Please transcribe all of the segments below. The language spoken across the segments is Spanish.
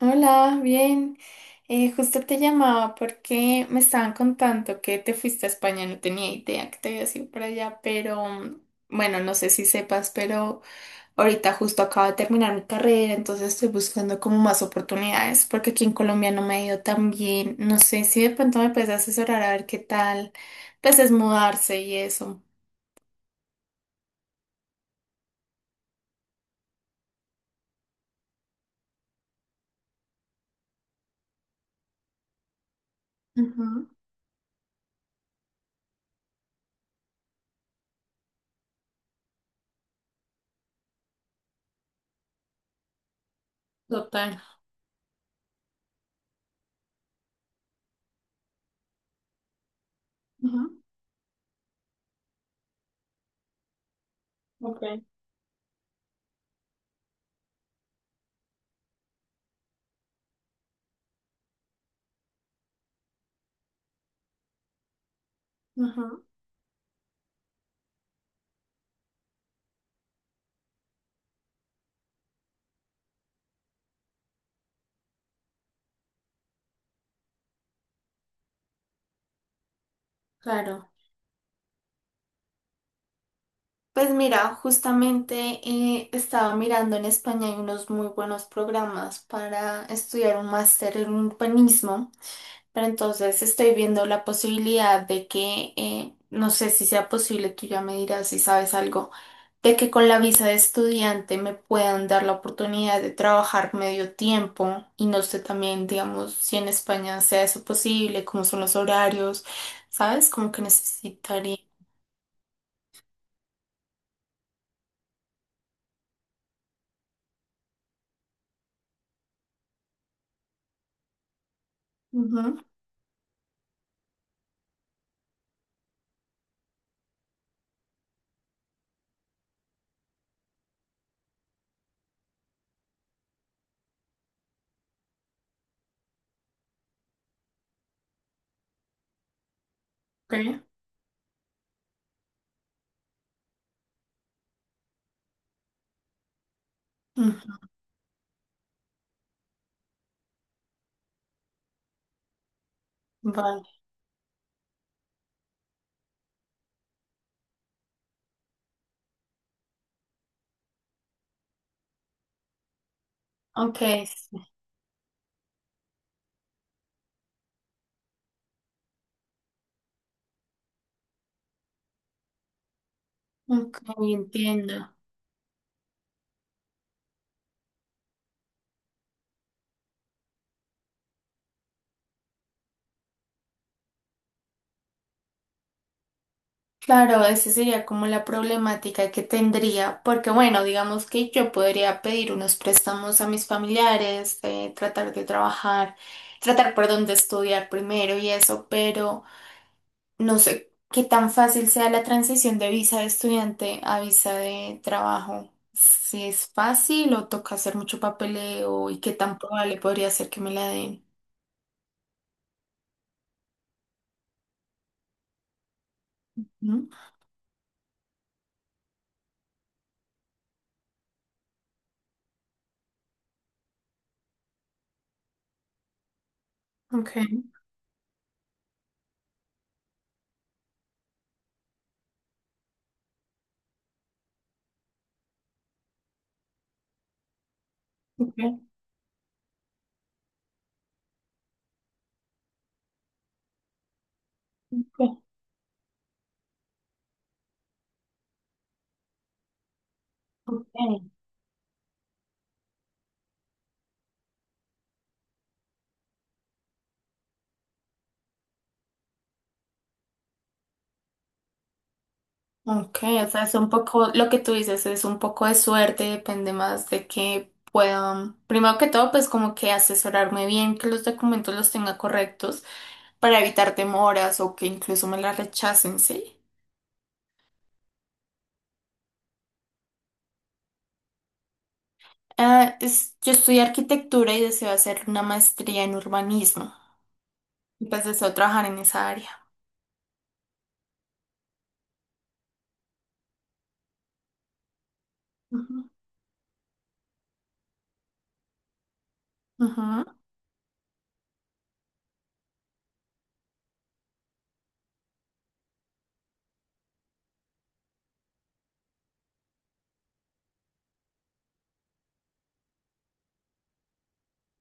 Hola, bien. Justo te llamaba porque me estaban contando que te fuiste a España, no tenía idea que te habías ido para allá, pero bueno, no sé si sepas, pero ahorita justo acabo de terminar mi carrera, entonces estoy buscando como más oportunidades porque aquí en Colombia no me ha ido tan bien. No sé si de pronto me puedes asesorar a ver qué tal, pues es mudarse y eso. Ujú. Total. Ujú. Ok. Ujú. Claro. Pues mira, justamente estaba mirando en España hay unos muy buenos programas para estudiar un máster en urbanismo, pero entonces estoy viendo la posibilidad de que, no sé si sea posible, tú ya me dirás si sabes algo, de que con la visa de estudiante me puedan dar la oportunidad de trabajar medio tiempo y no sé también, digamos, si en España sea eso posible, cómo son los horarios, ¿sabes? Como que necesitaría. Ujú. Ok. Ujú. Vale. Ok. Sí. Ok, entiendo. Claro, esa sería como la problemática que tendría, porque bueno, digamos que yo podría pedir unos préstamos a mis familiares, tratar de trabajar, tratar, perdón, de estudiar primero y eso, pero no sé qué tan fácil sea la transición de visa de estudiante a visa de trabajo. Si es fácil o toca hacer mucho papeleo y qué tan probable podría ser que me la den. ¿Mm? Ok. Ok. Ok. Ok. Ok, o sea, es un poco, lo que tú dices es un poco de suerte, depende más de que puedan, primero que todo, pues como que asesorarme bien, que los documentos los tenga correctos para evitar demoras o que incluso me las rechacen, ¿sí? Ah, yo estudié arquitectura y deseo hacer una maestría en urbanismo, y pues deseo trabajar en esa área. Ujú. Ujú.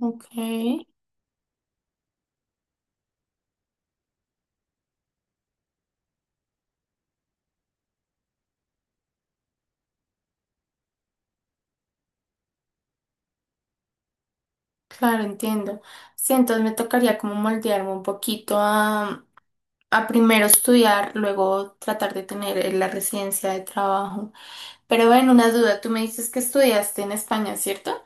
Ok. Claro, entiendo. Sí, entonces me tocaría como moldearme un poquito a primero estudiar, luego tratar de tener la residencia de trabajo. Pero bueno, una duda, tú me dices que estudiaste en España, ¿cierto?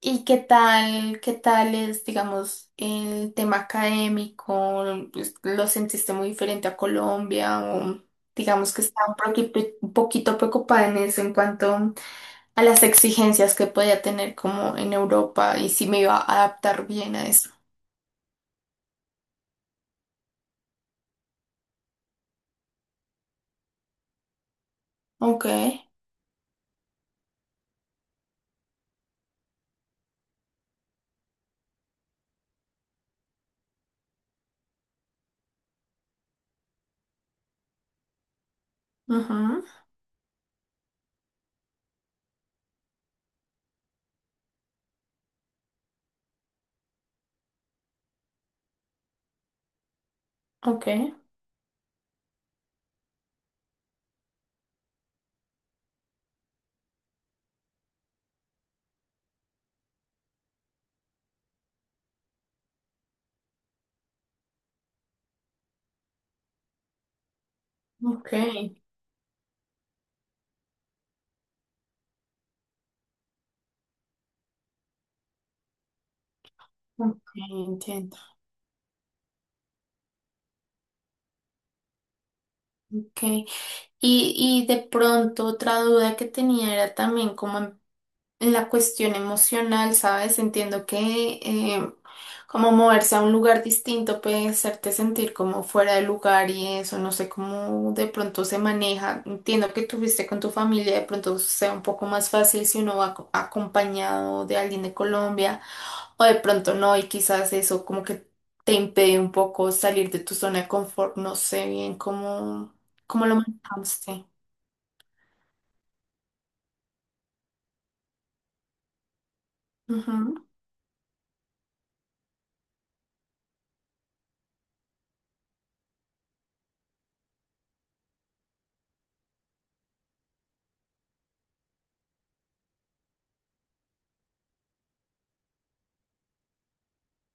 ¿Y qué tal es, digamos, el tema académico? Pues, ¿lo sentiste muy diferente a Colombia? O digamos que estaba un poquito preocupada en eso en cuanto a las exigencias que podía tener como en Europa y si me iba a adaptar bien a eso. Ok. Ujú. Ok. Ok. Ok, entiendo. Okay. Y de pronto otra duda que tenía era también como en la cuestión emocional, ¿sabes? Entiendo que como moverse a un lugar distinto puede hacerte sentir como fuera de lugar y eso, no sé cómo de pronto se maneja. Entiendo que tuviste con tu familia, de pronto sea un poco más fácil si uno va acompañado de alguien de Colombia. O de pronto no, y quizás eso como que te impide un poco salir de tu zona de confort. No sé bien cómo lo manejaste. Ujú.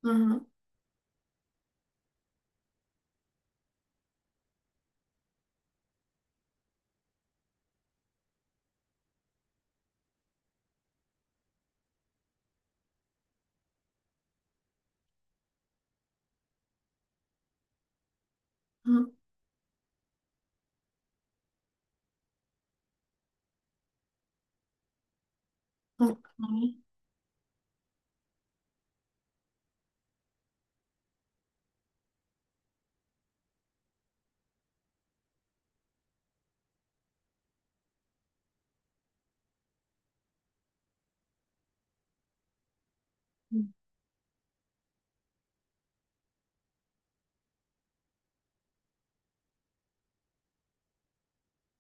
Ujú. Ujú. Ok.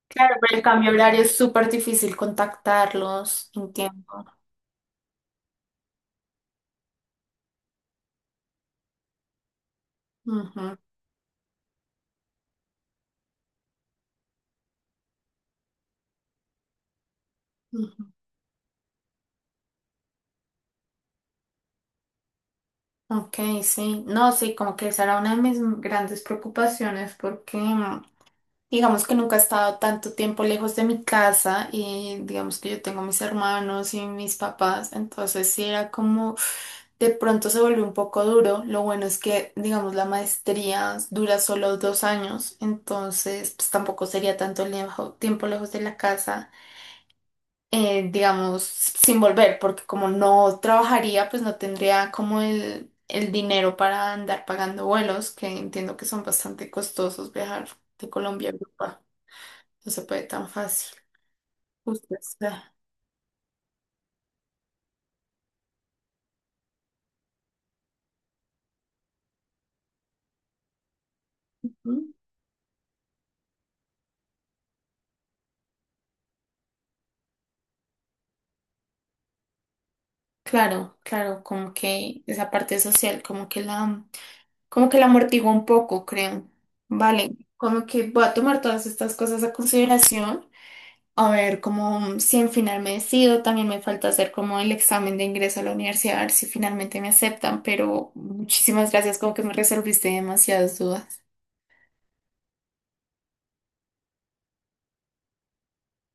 Claro, pero el cambio horario es súper difícil contactarlos, entiendo. Ujú. Ujú. Ok, sí. No, sí, como que esa era una de mis grandes preocupaciones porque digamos que nunca he estado tanto tiempo lejos de mi casa y digamos que yo tengo mis hermanos y mis papás, entonces sí era como de pronto se volvió un poco duro. Lo bueno es que, digamos, la maestría dura solo 2 años, entonces pues tampoco sería tanto tiempo lejos de la casa, digamos, sin volver, porque como no trabajaría, pues no tendría como el dinero para andar pagando vuelos, que entiendo que son bastante costosos viajar de Colombia a Europa. No se puede tan fácil. Justo está. Ujú. Claro, claro, como que esa parte social, como que la amortigua un poco, creo. Vale, como que voy a tomar todas estas cosas a consideración, a ver como si en final me decido, también me falta hacer como el examen de ingreso a la universidad, a ver si finalmente me aceptan, pero muchísimas gracias, como que me resolviste demasiadas dudas.